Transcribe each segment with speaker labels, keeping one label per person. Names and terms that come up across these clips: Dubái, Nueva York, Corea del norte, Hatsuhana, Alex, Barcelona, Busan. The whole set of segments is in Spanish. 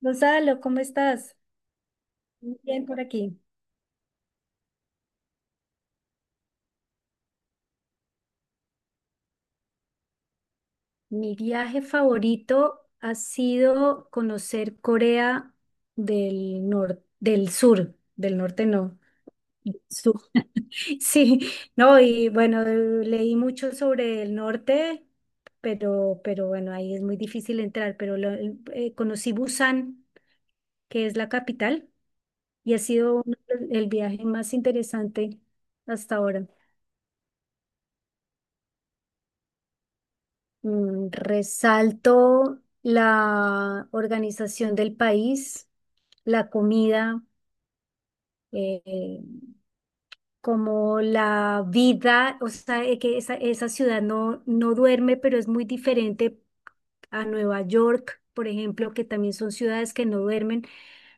Speaker 1: Gonzalo, ¿cómo estás? Muy bien por aquí. Mi viaje favorito ha sido conocer Corea del norte, del sur, del norte no, del sur. Sí, no, y bueno, leí mucho sobre el norte, pero bueno, ahí es muy difícil entrar, conocí Busan, que es la capital, y ha sido el viaje más interesante hasta ahora. Resalto la organización del país, la comida, eh, eh, como la vida, o sea, que esa ciudad no duerme, pero es muy diferente a Nueva York, por ejemplo, que también son ciudades que no duermen,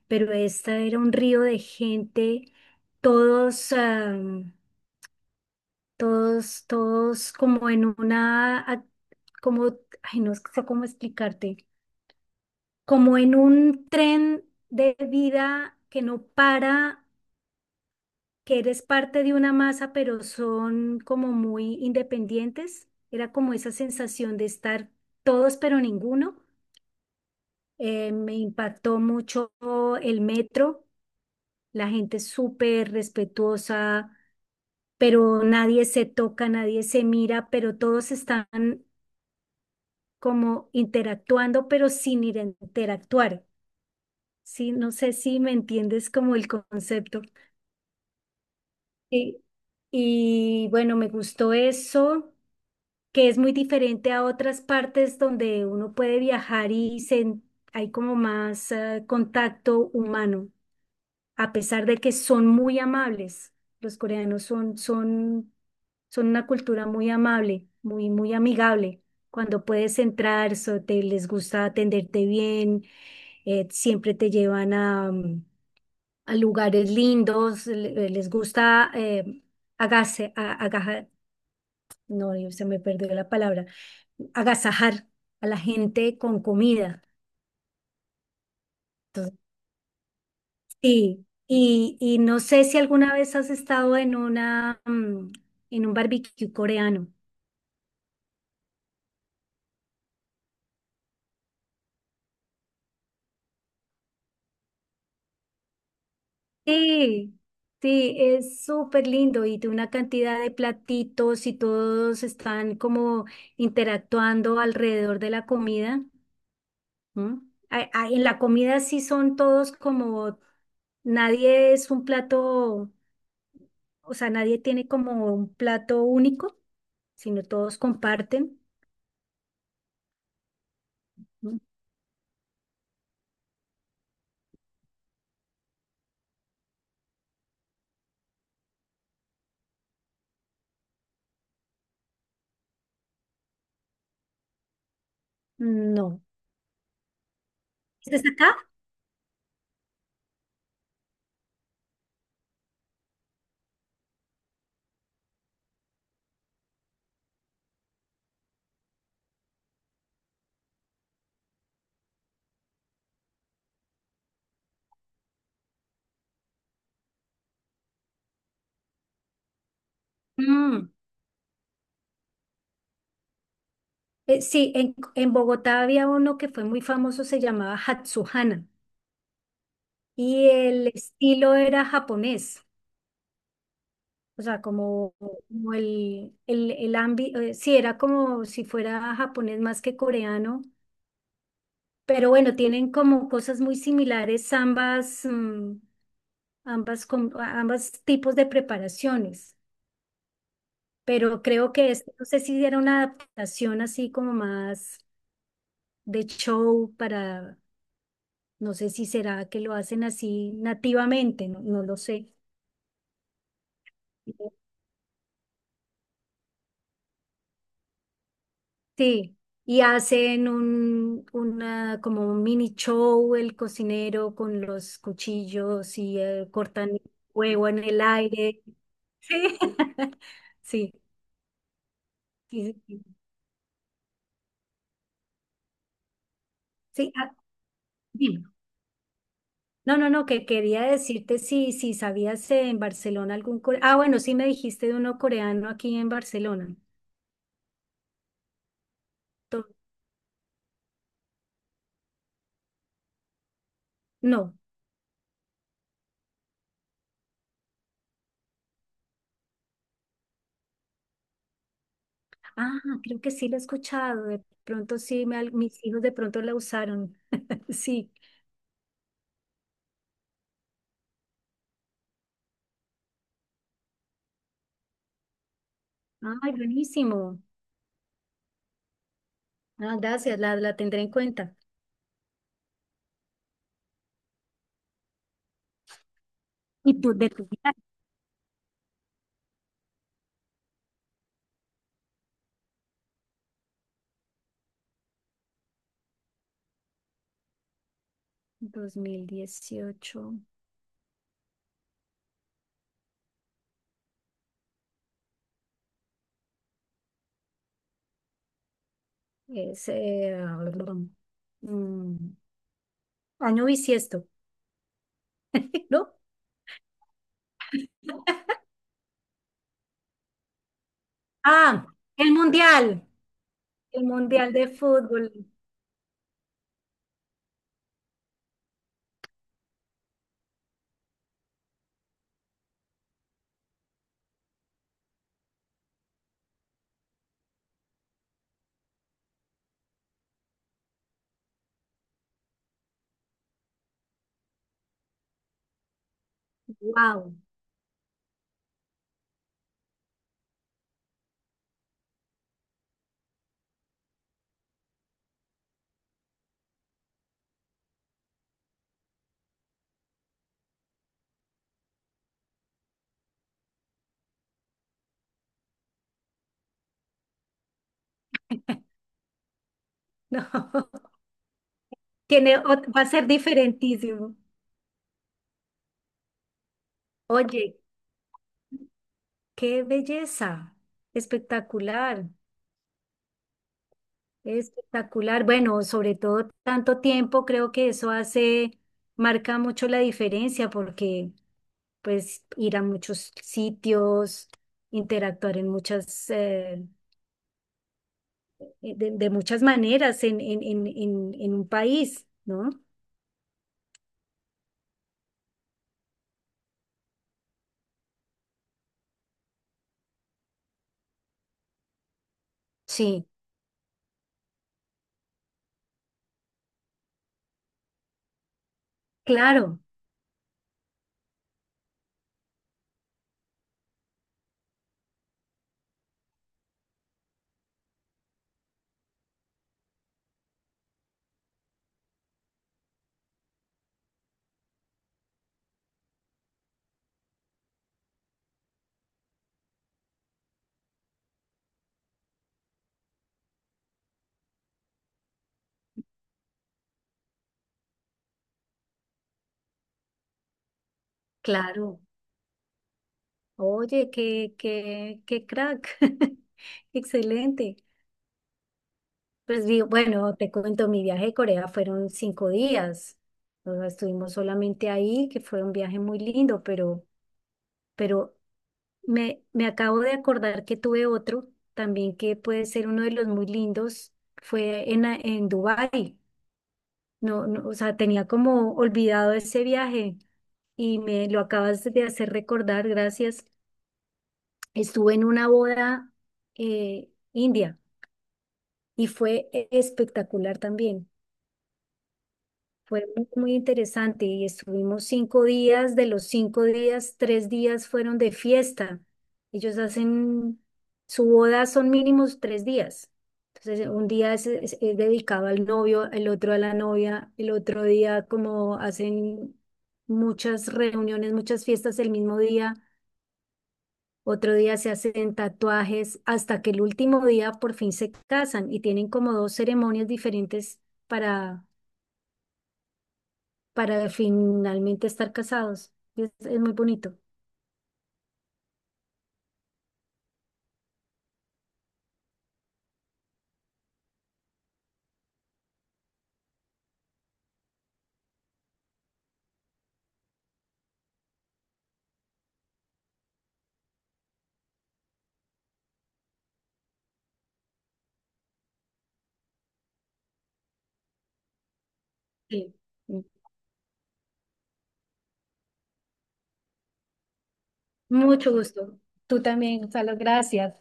Speaker 1: pero esta era un río de gente, todos, todos como en una, como, ay, no sé cómo explicarte como en un tren de vida que no para, que eres parte de una masa, pero son como muy independientes. Era como esa sensación de estar todos, pero ninguno. Me impactó mucho el metro, la gente es súper respetuosa, pero nadie se toca, nadie se mira, pero todos están como interactuando, pero sin ir a interactuar. Sí, no sé si me entiendes como el concepto. Y, y bueno, me gustó eso, que es muy diferente a otras partes donde uno puede viajar hay como más contacto humano, a pesar de que son muy amables. Los coreanos son una cultura muy amable, muy, muy amigable. Cuando puedes entrar, les gusta atenderte bien, siempre te llevan a, lugares lindos, les gusta agase, a- agaja- no, se me perdió la palabra, agasajar a la gente con comida. Entonces, sí, y no sé si alguna vez has estado en un barbecue coreano. Sí, sí, es súper lindo y tiene una cantidad de platitos y todos están como interactuando alrededor de la comida. ¿Mm? Ay, en la comida sí son todos como, nadie es un plato, o sea, nadie tiene como un plato único, sino todos comparten. ¿Mm? No. ¿Estás acá? Mm. Sí, en Bogotá había uno que fue muy famoso, se llamaba Hatsuhana, y el estilo era japonés, o sea, como el ámbito, sí, era como si fuera japonés más que coreano. Pero bueno, tienen como cosas muy similares ambas, mm, ambas tipos de preparaciones. Pero creo que este, no sé si era una adaptación así como más de show para, no sé si será que lo hacen así nativamente, no, no lo sé. Sí, y hacen una, como un mini show el cocinero con los cuchillos y cortan el huevo en el aire. Sí, sí. Sí, sí. Sí, sí, ah, dime. No, no, no, que quería decirte si sabías en Barcelona algún coreano. Ah, bueno, sí me dijiste de uno coreano aquí en Barcelona. To- No. Ah, creo que sí lo he escuchado. De pronto sí, mis hijos de pronto la usaron. Sí. Ay, buenísimo. Ah, gracias, la tendré en cuenta. ¿Y tú de tu viaje? 2018 es mm, año bisiesto, ¿no? Ah, el mundial. El Mundial de Fútbol, wow, no. Tiene, va a ser diferentísimo. Oye, qué belleza, espectacular, espectacular. Bueno, sobre todo tanto tiempo, creo que eso hace, marca mucho la diferencia porque pues ir a muchos sitios, interactuar en de muchas maneras en un país, ¿no? Sí, claro, claro. Oye, qué crack. Excelente. Pues bueno, te cuento, mi viaje a Corea fueron 5 días. O sea, estuvimos solamente ahí, que fue un viaje muy lindo, pero, pero me acabo de acordar que tuve otro también que puede ser uno de los muy lindos. Fue en Dubái. No, no, o sea, tenía como olvidado ese viaje y me lo acabas de hacer recordar, gracias. Estuve en una boda india. Y espectacular también. Fue muy, muy interesante y estuvimos 5 días, de los 5 días, 3 días fueron de fiesta. Ellos hacen, su boda son mínimos 3 días. Entonces, un día es dedicado al novio, el otro a la novia, el otro día como hacen muchas reuniones, muchas fiestas el mismo día, otro día se hacen tatuajes, hasta que el último día por fin se casan y tienen como dos ceremonias diferentes para, para finalmente estar casados. Es muy bonito. Sí. Mucho gusto. Tú también, Gonzalo. Gracias.